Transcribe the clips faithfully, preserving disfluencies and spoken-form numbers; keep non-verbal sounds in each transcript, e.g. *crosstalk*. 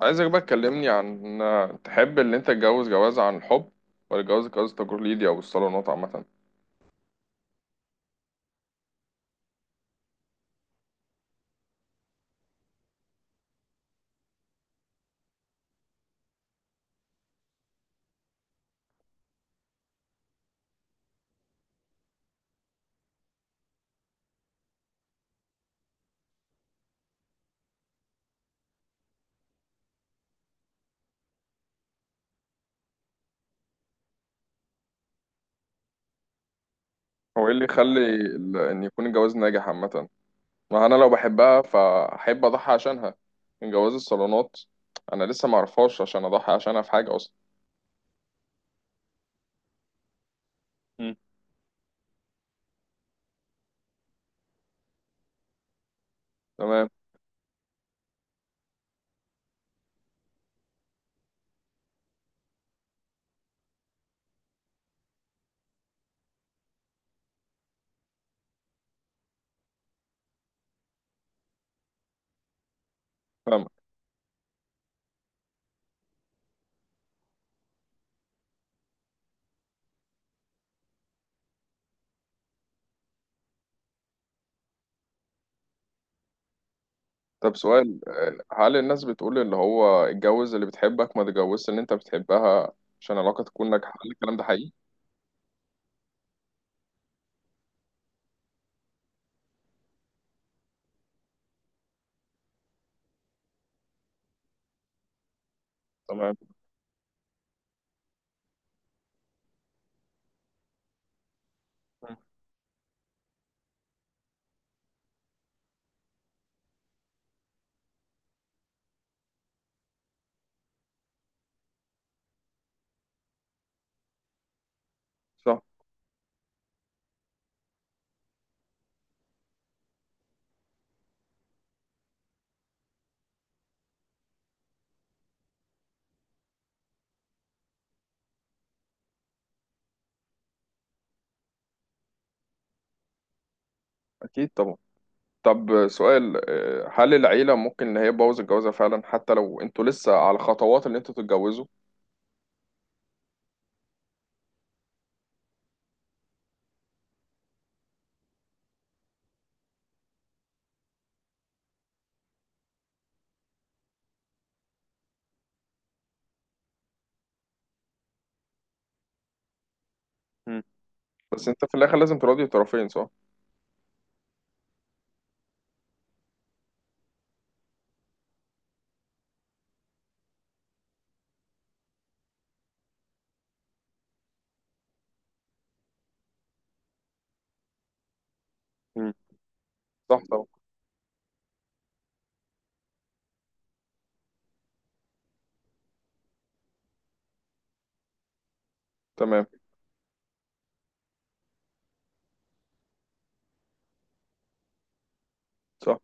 عايزك بقى تكلمني عن، تحب اللي انت تتجوز جواز عن الحب ولا جواز جواز تقليدي او الصالونات عامة؟ هو ايه اللي يخلي ال- ان يكون الجواز ناجح عامة؟ ما انا لو بحبها فاحب اضحي عشانها من جواز الصالونات. انا لسه ما اعرفهاش عشان اضحي عشانها في حاجة اصلا. مم. تمام. فاهمك. طب سؤال، هل الناس بتقول اللي هو اتجوز اللي بتحبك، ما تتجوزش اللي انت بتحبها عشان العلاقة تكون ناجحة، هل الكلام ده حقيقي؟ تمام. مم. صح. اكيد طبعا. طب سؤال، آه، هل العيلة ممكن إن هي تبوظ الجوازة فعلا حتى لو أنتوا لسه على خطوات إن أنتوا تتجوزوا؟ مم. بس أنت في الآخر لازم تراضي الطرفين، صح؟ مم. صح طبعا. تمام. صح.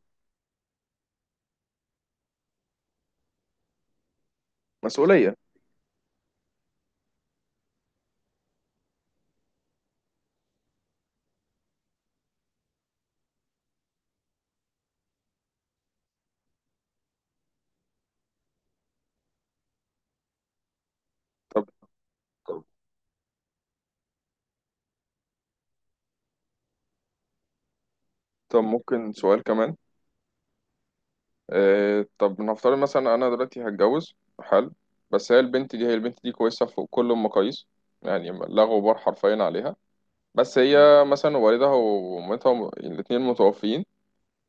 مسؤولية. طب طب طب ممكن سؤال كمان؟ آه طب نفترض مثلا أنا دلوقتي هتجوز. حلو. بس هي البنت دي هي البنت دي كويسة في كل المقاييس، يعني لا غبار حرفيا عليها. بس مم. هي مثلا والدها ومامتها الاتنين متوفيين،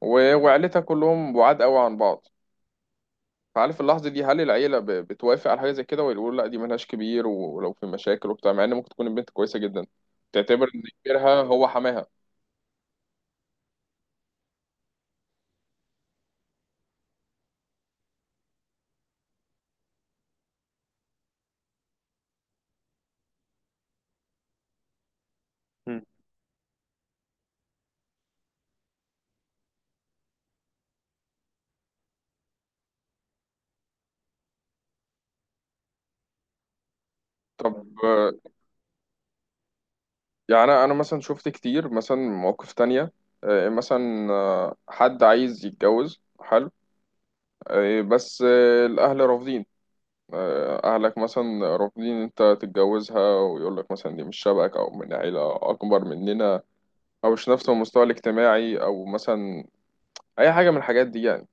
و- وعيلتها كلهم بعاد قوي عن بعض. فعارف اللحظة دي، هل العيلة ب- بتوافق على حاجة زي كده ولا يقولوا لا دي مالهاش كبير، ولو في مشاكل وبتاع، مع ان ممكن تكون البنت كويسة جدا تعتبر ان كبيرها هو حماها؟ مم. طب، آه، يعني انا أنا مثلا شفت كتير مثلا مواقف تانية. آه، مثلا آه، حد عايز يتجوز، حلو. آه، بس آه، الاهل رافضين. آه، اهلك مثلا رافضين انت تتجوزها، ويقول لك مثلا دي مش شبهك، او من عيلة اكبر مننا، او مش نفس المستوى الاجتماعي، او مثلا اي حاجة من الحاجات دي يعني.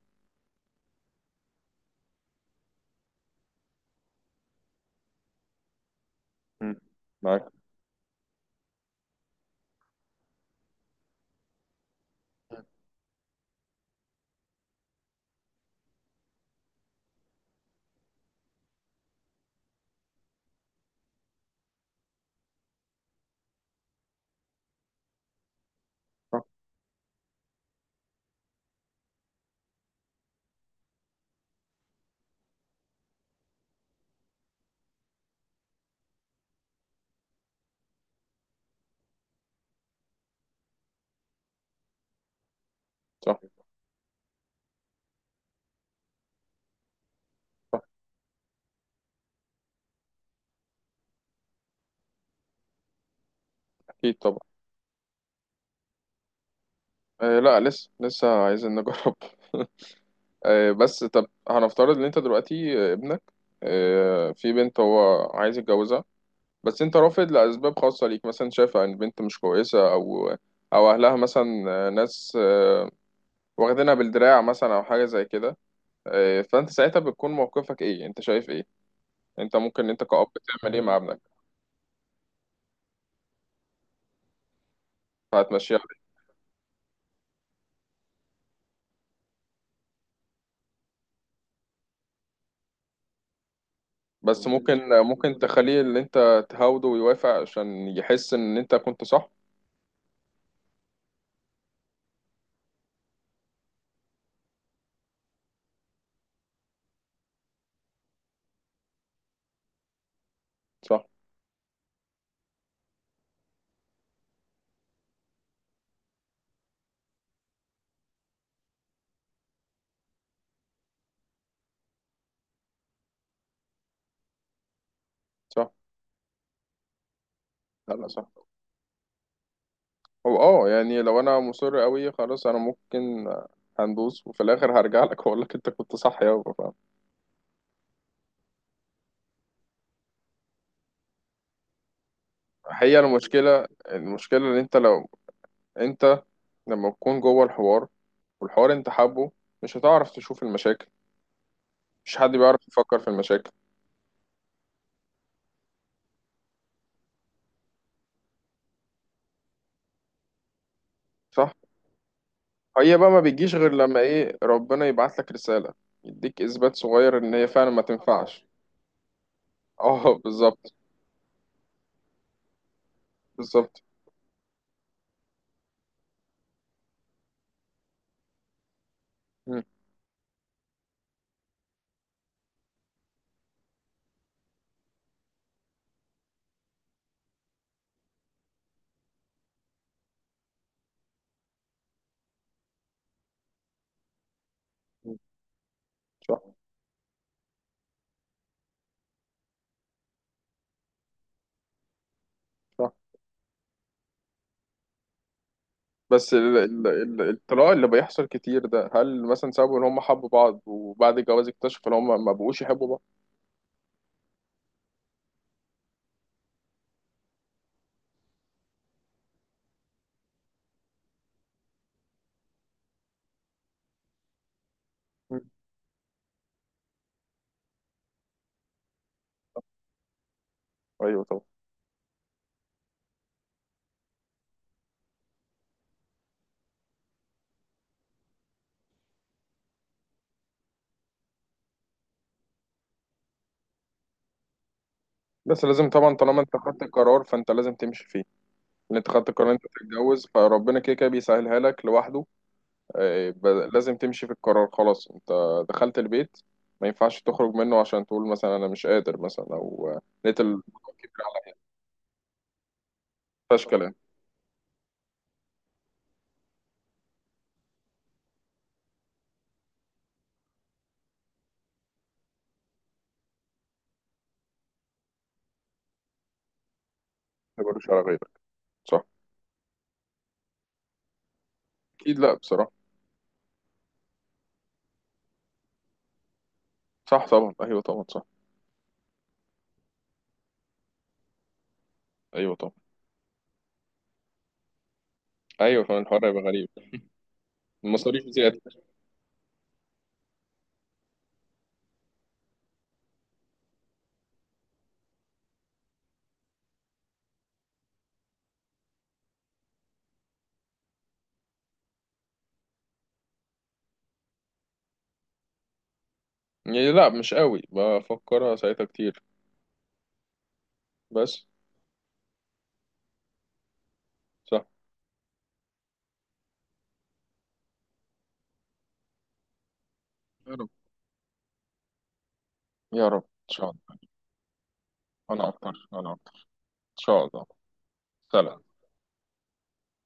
مم. معاك. صح، صح، صح. اكيد طبعا. آه، لا، لسه لسه عايزين نجرب. *laughs* آه بس طب هنفترض ان انت دلوقتي، آه، ابنك آه في بنت هو عايز يتجوزها، بس انت رافض لاسباب خاصه ليك، مثلا شايف ان البنت مش كويسه، او او اهلها مثلا آه، ناس آه واخدينها بالدراع مثلا او حاجه زي كده. آه فانت ساعتها بتكون موقفك ايه، انت شايف ايه؟ انت ممكن انت كأب تعمل ايه مع ابنك؟ هتمشيها؟ بس ممكن ممكن تخليه اللي انت تهاوده ويوافق عشان يحس ان انت كنت صح. صح، صح. لا، لا، صح. هو اه يعني لو انا مصر قوي خلاص، انا ممكن هندوس، وفي الاخر هرجع لك واقول لك انت كنت صح يابا، فاهم؟ هي المشكله، المشكله ان انت لو انت لما تكون جوه الحوار، والحوار انت حابه، مش هتعرف تشوف المشاكل، مش حد بيعرف يفكر في المشاكل. صح. هي بقى ما بتجيش غير لما ايه، ربنا يبعت لك رساله، يديك اثبات صغير ان هي فعلا ما تنفعش. اه، بالظبط. بالظبط. مم. مم. صح، صح. بس ال ال ال الطلاق اللي بيحصل كتير ده، هل مثلا سببه ان هم حبوا بعض وبعد الجواز اكتشفوا ان هم ما بقوش يحبوا بعض؟ مم. ايوه طبعا. بس لازم طبعا طالما انت خدت القرار، فانت لازم تمشي فيه. ان انت خدت القرار إن انت تتجوز، فربنا كده كده بيسهلها لك لوحده. آه، ب- لازم تمشي في القرار. خلاص، انت دخلت البيت، ما ينفعش تخرج منه عشان تقول مثلا انا مش قادر، مثلا، او آه، لقيت الموضوع كبير على. فشكل ما تكبرش على غيرك. صح. اكيد، لا بصراحة. صح طبعا. ايوه طبعا. صح. ايوه طبعا. ايوه، كمان الحوار هيبقى غريب. المصاريف زيادة. يعني لا، مش قوي بفكرها ساعتها كتير. بس. صح. يا رب. يا رب ان شاء الله. انا اكتر، انا اكتر. ان شاء الله. سلام.